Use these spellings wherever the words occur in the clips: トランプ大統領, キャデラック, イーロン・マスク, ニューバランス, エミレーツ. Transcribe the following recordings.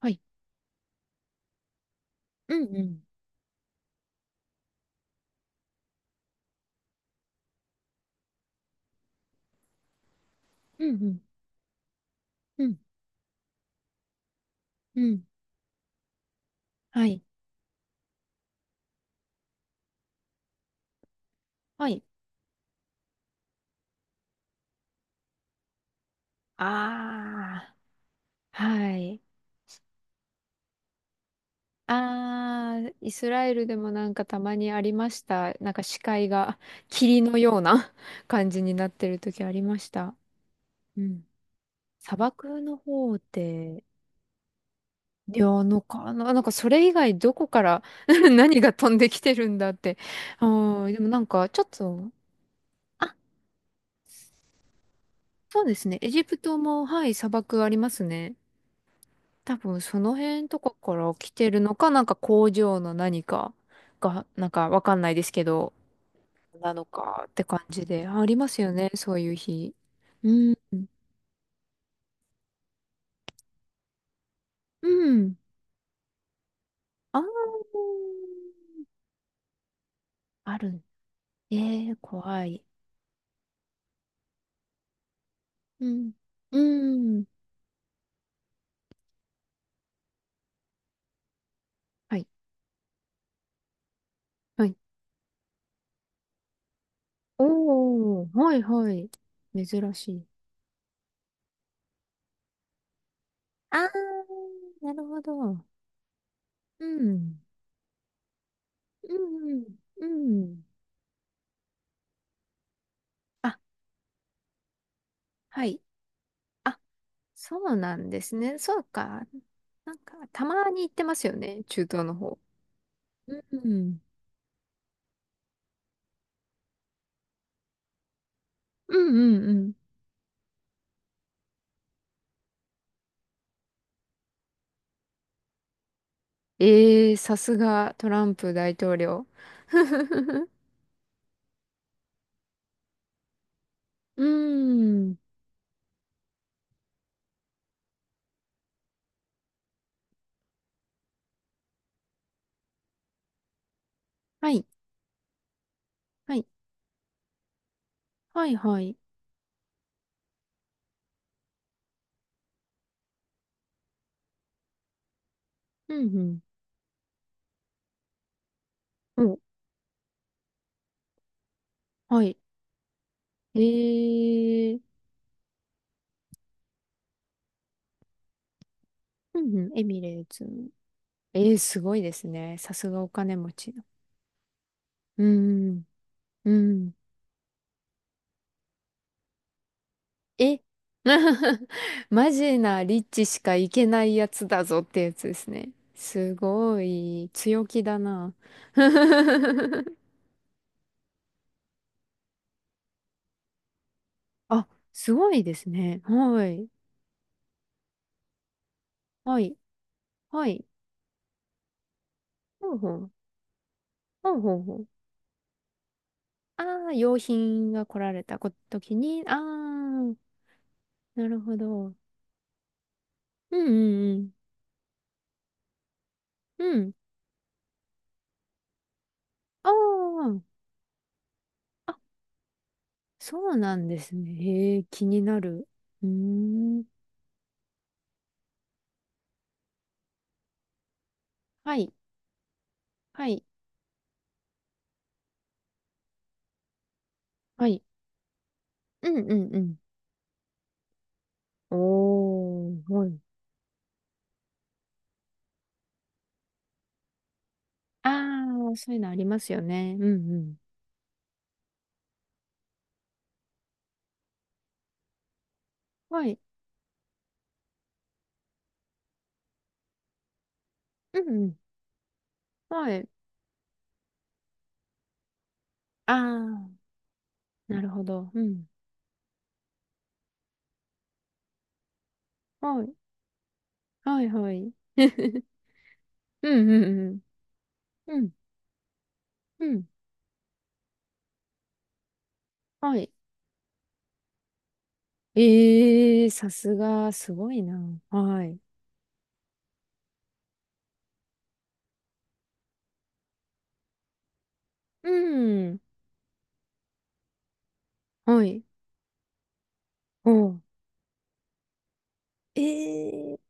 はい。うんうん。うんうん。うんうん。はい。はい。ああ、はい。ああ、イスラエルでもなんかたまにありました。なんか視界が 霧のような 感じになってる時ありました。うん。砂漠の方で、いや、のかな、なんかそれ以外どこから 何が飛んできてるんだって。ああ、でもなんかちょっと、あ、そうですね。エジプトも、はい、砂漠ありますね。多分その辺とかから来てるのか、なんか工場の何かが、なんかわかんないですけど、なのかって感じで、あ、ありますよね、そういう日。うん。うん。あーある。えー、怖い。うん。うん。はい。はい。おー、はい、はい。珍しい。あー、なるほど。うん。うん、うん。うん。あ、はい。あ、そうなんですね。そうか。なんか、たまに行ってますよね、中東の方。うん。うんうんうん。ええー、さすがトランプ大統領。うーん。はい。はい。はいはい。うんうん。お、はい。ええー。うんうん。エミレーツ。ええー、すごいですね。さすがお金持ちの。うーん。うん。え マジなリッチしか行けないやつだぞってやつですね。すごい、強気だな。あ、すごいですね。はい。はい。はい。ほうほう。ほうほうほう。ああ、用品が来られたこ時に、ああ、なるほど。うんうんうん。うん。ああ、あ、そうなんですね。へえ、気になる。うーん。はい。はい。はい。うんうんうん。おー、はい。ああ、そういうのありますよね。うんうん。はい。うんうん。はい。ああ、なるほど。うん。はい。はいはい。うんうんうん。うん。うん。はい。ええー、さすが、すごいな。はい。うん。はい。おう。ええー、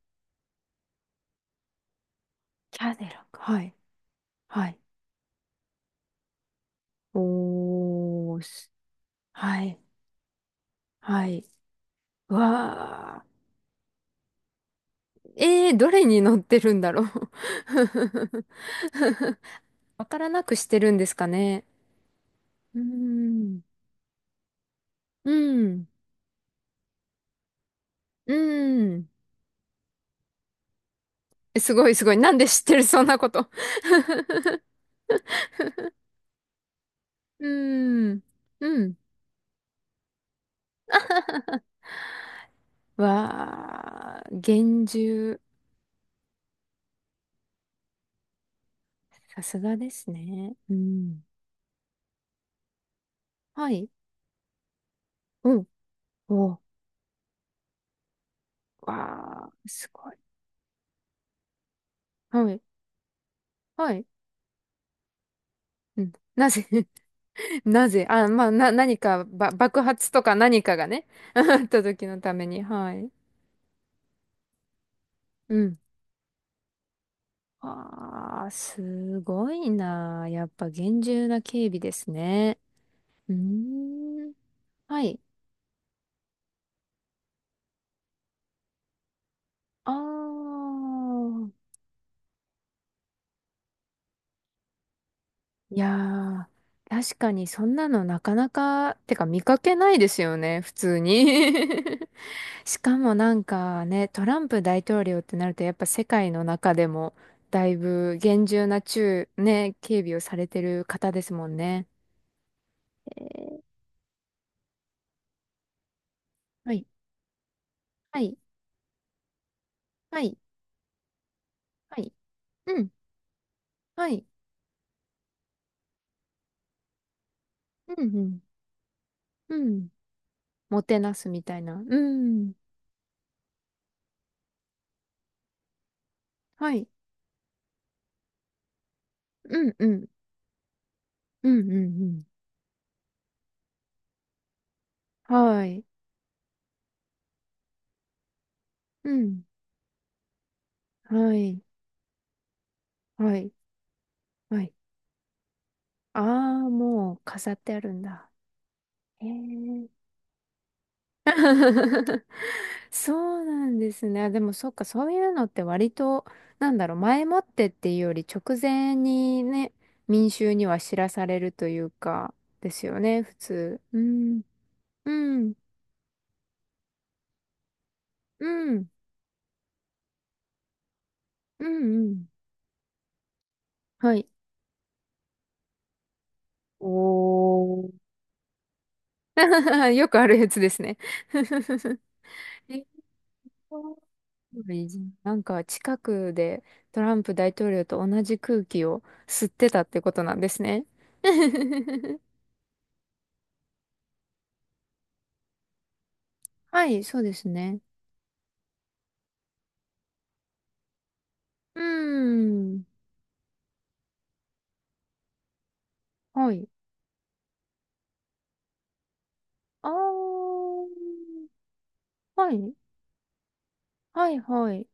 キャデラック。はい。はい。おーし。すはい。はい。わあ。ええー、どれに乗ってるんだろう。わからなくしてるんですかね。うーん。うん。うん。え、すごいすごい。なんで知ってるそんなこと。うーん。うん。わあ、厳重。さすがですね。うん。はい。うん。お。わあ、すごい。はい。はい。うん。なぜ なぜあ、まあ、な、何か、ば、爆発とか何かがね、あった時のために。はい。うん。わあ、すごいな。やっぱ厳重な警備ですね。うーん。はい。ああ。いやー、確かにそんなのなかなか、てか見かけないですよね、普通に。しかもなんかね、トランプ大統領ってなるとやっぱ世界の中でもだいぶ厳重な中、ね、警備をされてる方ですもんね。えーはい。はい。はい。はい。うん。はい。うんうんうん。もてなすみたいな。うん。はい。うんうん。うんうんうん。はい。うん。はい。はい。はい。ああ、もう飾ってあるんだ。へえ。そうなんですね。でもそっか、そういうのって割と、なんだろう、前もってっていうより直前にね、民衆には知らされるというか、ですよね、普通。うん。うん。うん。うん。うん。はい。おー よくあるやつですね。え、なんか近くでトランプ大統領と同じ空気を吸ってたってことなんですね。はい、そうですね。うーん。はい。あー。はい。はい、はい。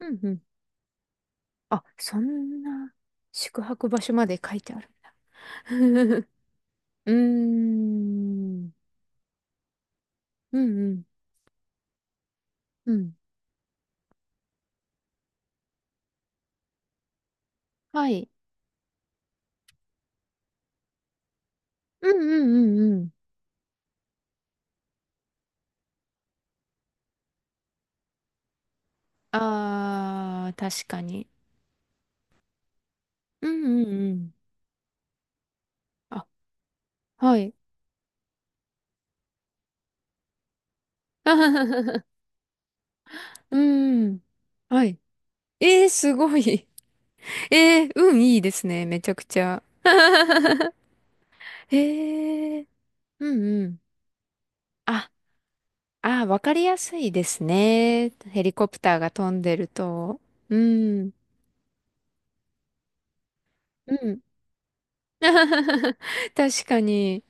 うんうん。あ、そんな宿泊場所まで書いてあるんだ。うーん。うんうん。うん。はい。うんうんうんうん。ああ、確かに。うんうんうん。あ、はい。うん。はい。えー、すごい。えー、運いいですね。めちゃくちゃ。えー、うんうん。あ、あー、わかりやすいですね。ヘリコプターが飛んでると。うん。うん。確かに。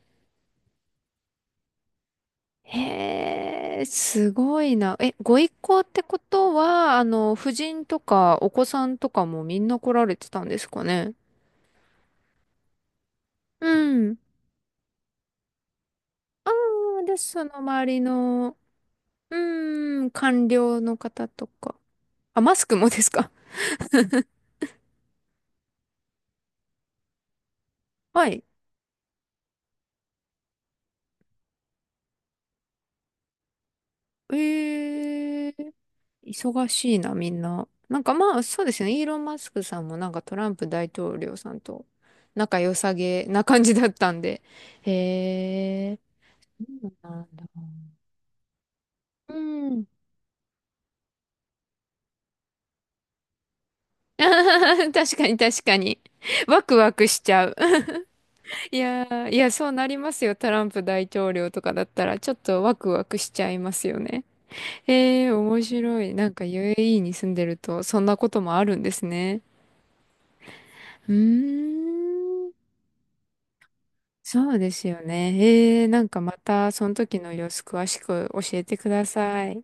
へえ、すごいな。え、ご一行ってことは、あの、夫人とかお子さんとかもみんな来られてたんですかね。うん。ああ、で、その周りの、うーん、官僚の方とか。あ、マスクもですか。はい。ええ、忙しいな、みんな。なんかまあ、そうですね。イーロン・マスクさんもなんかトランプ大統領さんと仲良さげな感じだったんで。へえ、そうなんだ。うん。あはは確かに確かに。ワクワクしちゃう。いやー、いや、そうなりますよ。トランプ大統領とかだったら、ちょっとワクワクしちゃいますよね。えー、面白い。なんか UAE に住んでると、そんなこともあるんですね。うーん。そうですよね。えー、なんかまた、その時の様子詳しく教えてください。